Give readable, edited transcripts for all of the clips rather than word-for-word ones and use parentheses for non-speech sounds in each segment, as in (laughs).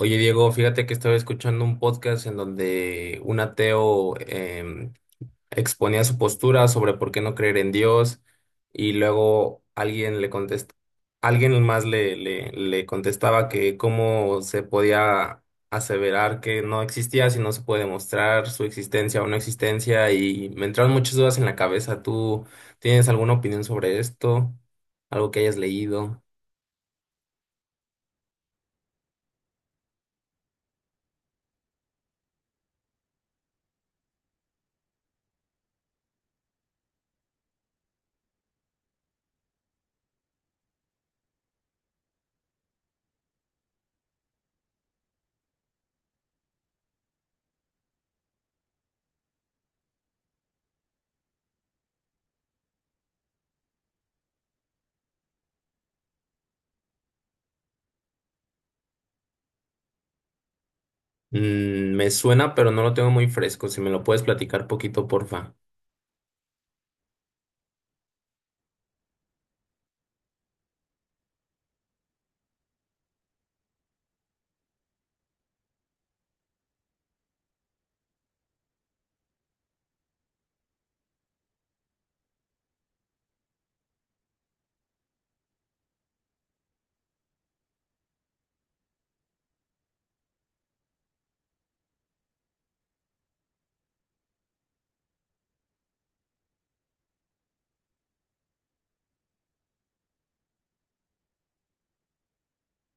Oye, Diego, fíjate que estaba escuchando un podcast en donde un ateo exponía su postura sobre por qué no creer en Dios y luego alguien le contestó, alguien más le contestaba que cómo se podía aseverar que no existía si no se puede demostrar su existencia o no existencia y me entraron muchas dudas en la cabeza. ¿Tú tienes alguna opinión sobre esto? ¿Algo que hayas leído? Mm, me suena, pero no lo tengo muy fresco. Si me lo puedes platicar poquito, porfa.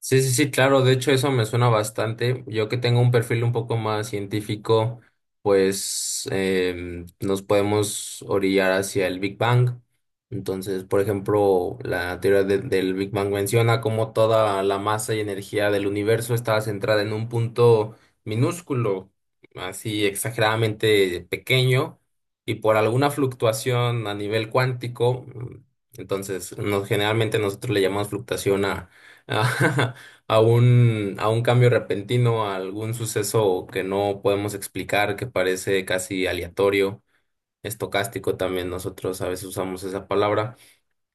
Sí, sí, sí, claro, de hecho eso me suena bastante. Yo que tengo un perfil un poco más científico, pues nos podemos orillar hacia el Big Bang. Entonces, por ejemplo, la teoría del Big Bang menciona cómo toda la masa y energía del universo estaba centrada en un punto minúsculo, así exageradamente pequeño, y por alguna fluctuación a nivel cuántico, entonces generalmente nosotros le llamamos fluctuación a (laughs) a un cambio repentino, a algún suceso que no podemos explicar, que parece casi aleatorio, estocástico también nosotros a veces usamos esa palabra.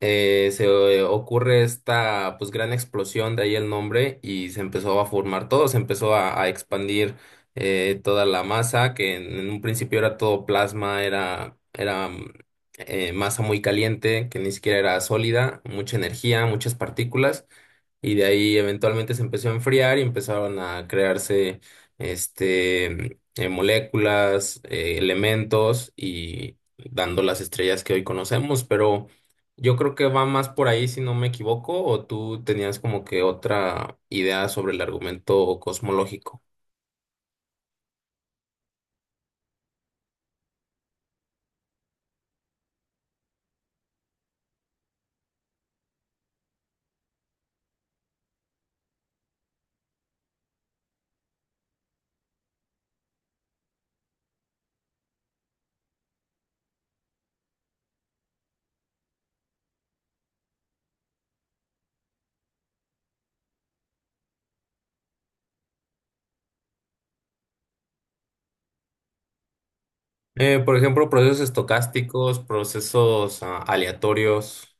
Se Ocurre esta pues gran explosión, de ahí el nombre, y se empezó a formar todo, se a expandir toda la masa, que en un principio era todo plasma, era masa muy caliente, que ni siquiera era sólida, mucha energía, muchas partículas y de ahí eventualmente se empezó a enfriar y empezaron a crearse moléculas, elementos y dando las estrellas que hoy conocemos, pero yo creo que va más por ahí si no me equivoco, o tú tenías como que otra idea sobre el argumento cosmológico. Por ejemplo, procesos estocásticos, procesos aleatorios.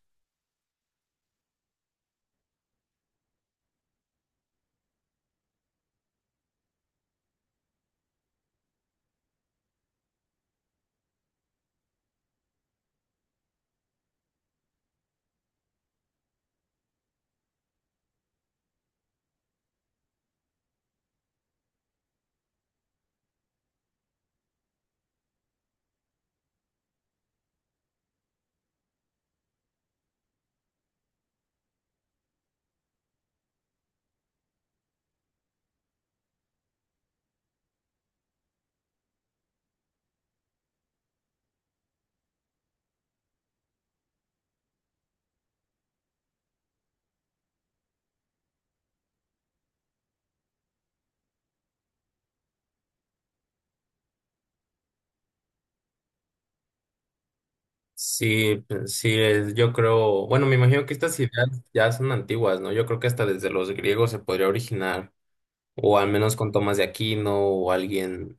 Sí, pues, sí, yo creo, bueno, me imagino que estas ideas ya son antiguas, ¿no? Yo creo que hasta desde los griegos se podría originar, o al menos con Tomás de Aquino o alguien.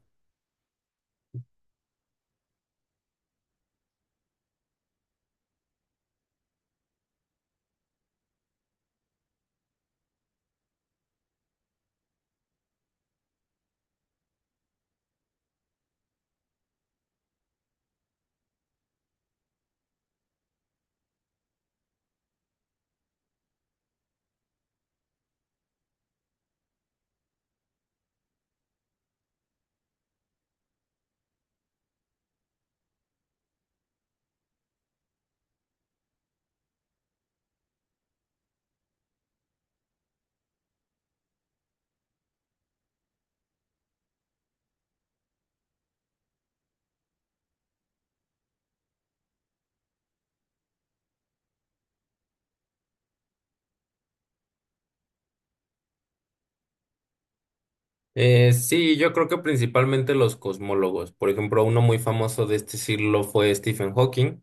Sí, yo creo que principalmente los cosmólogos. Por ejemplo, uno muy famoso de este siglo fue Stephen Hawking,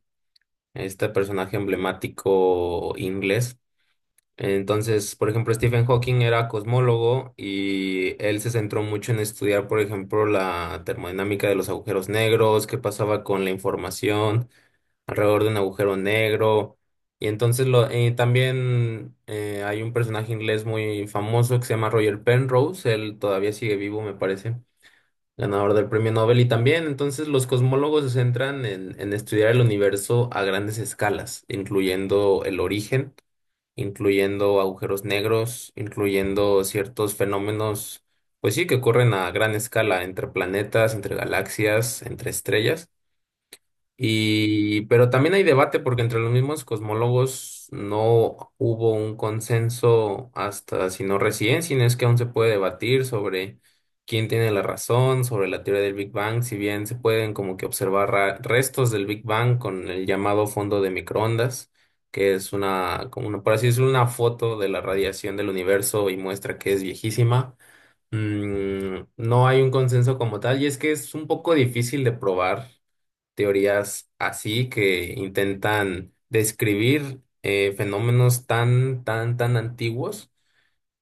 este personaje emblemático inglés. Entonces, por ejemplo, Stephen Hawking era cosmólogo y él se centró mucho en estudiar, por ejemplo, la termodinámica de los agujeros negros, qué pasaba con la información alrededor de un agujero negro. Y entonces lo, también hay un personaje inglés muy famoso que se llama Roger Penrose, él todavía sigue vivo, me parece, ganador del premio Nobel. Y también entonces los cosmólogos se centran en estudiar el universo a grandes escalas, incluyendo el origen, incluyendo agujeros negros, incluyendo ciertos fenómenos, pues sí, que ocurren a gran escala entre planetas, entre galaxias, entre estrellas. Y, pero también hay debate porque entre los mismos cosmólogos no hubo un consenso hasta, si no recién, sino es que aún se puede debatir sobre quién tiene la razón, sobre la teoría del Big Bang, si bien se pueden como que observar restos del Big Bang con el llamado fondo de microondas, que es una, como una, por así decirlo, una foto de la radiación del universo y muestra que es viejísima. Mm, no hay un consenso como tal y es que es un poco difícil de probar teorías así que intentan describir fenómenos tan, tan, tan antiguos,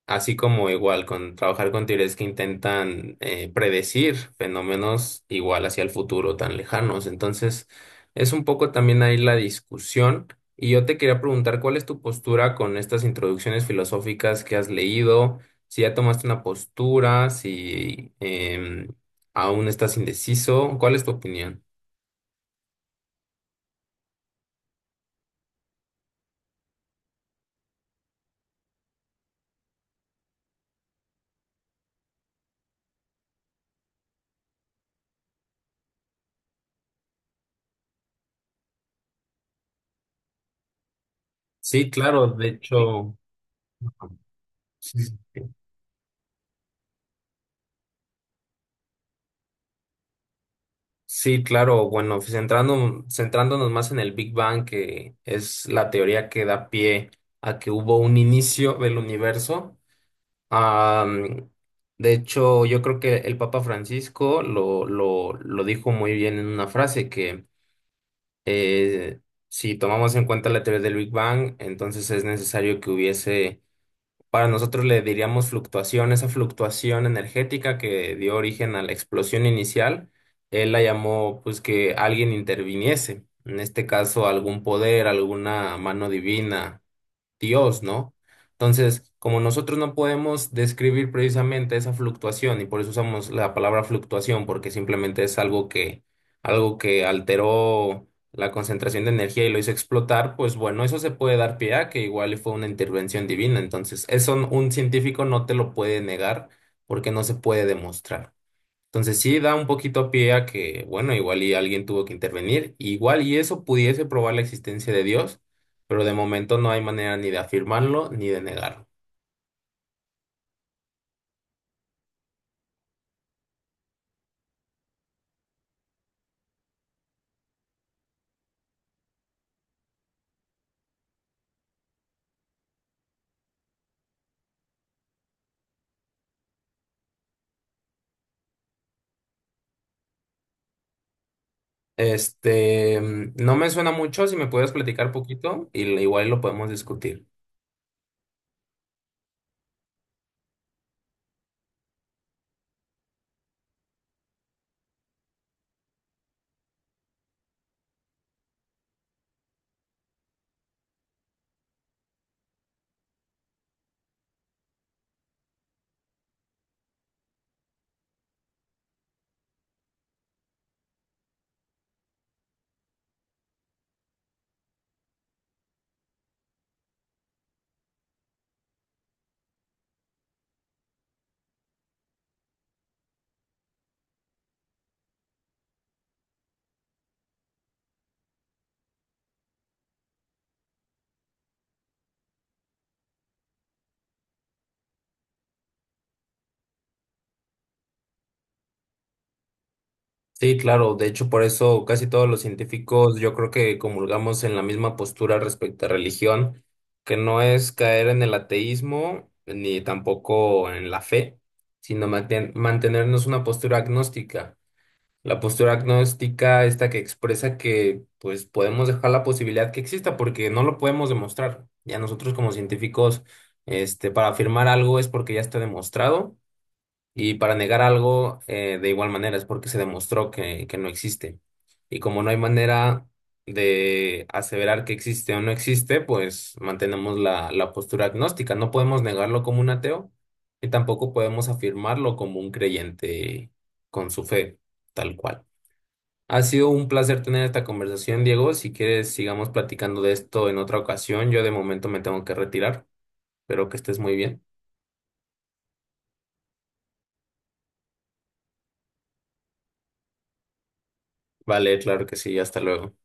así como igual con trabajar con teorías que intentan predecir fenómenos igual hacia el futuro tan lejanos. Entonces, es un poco también ahí la discusión. Y yo te quería preguntar, ¿cuál es tu postura con estas introducciones filosóficas que has leído? Si ya tomaste una postura, si aún estás indeciso, ¿cuál es tu opinión? Sí, claro, de Sí. hecho, sí, sí, claro, bueno, centrándonos más en el Big Bang, que es la teoría que da pie a que hubo un inicio del universo. am, de hecho, yo creo que el Papa Francisco lo dijo muy bien en una frase que eh, si tomamos en cuenta la teoría del Big Bang, entonces es necesario que hubiese. Para nosotros le diríamos fluctuación, esa fluctuación energética que dio origen a la explosión inicial, él la llamó pues que alguien interviniese, en este caso algún poder, alguna mano divina, Dios, ¿no? Entonces, como nosotros no podemos describir precisamente esa fluctuación y por eso usamos la palabra fluctuación, porque simplemente es algo que alteró la concentración de energía y lo hizo explotar, pues bueno, eso se puede dar pie a que igual y fue una intervención divina. Entonces, eso un científico no te lo puede negar porque no se puede demostrar. Entonces sí da un poquito pie a que, bueno, igual y alguien tuvo que intervenir, igual y eso pudiese probar la existencia de Dios, pero de momento no hay manera ni de afirmarlo ni de negarlo. Este, mm, no me suena mucho, si me puedes platicar poquito, y igual lo podemos discutir. Sí, claro, de hecho por eso casi todos los científicos yo creo que comulgamos en la misma postura respecto a religión, que no es caer en el ateísmo ni tampoco en la fe, sino mantenernos una postura agnóstica. La postura agnóstica, esta que expresa que pues podemos dejar la posibilidad que exista porque no lo podemos demostrar. Ya nosotros como científicos, este, para afirmar algo es porque ya está demostrado y para negar algo de igual manera es porque se demostró que no existe. Y como no hay manera de aseverar que existe o no existe, pues mantenemos la, la postura agnóstica. No podemos negarlo como un ateo y tampoco podemos afirmarlo como un creyente con su fe, tal cual. Ha sido un placer tener esta conversación, Diego. Si quieres, sigamos platicando de esto en otra ocasión. Yo de momento me tengo que retirar, pero que estés muy bien. Vale, claro que sí, hasta luego.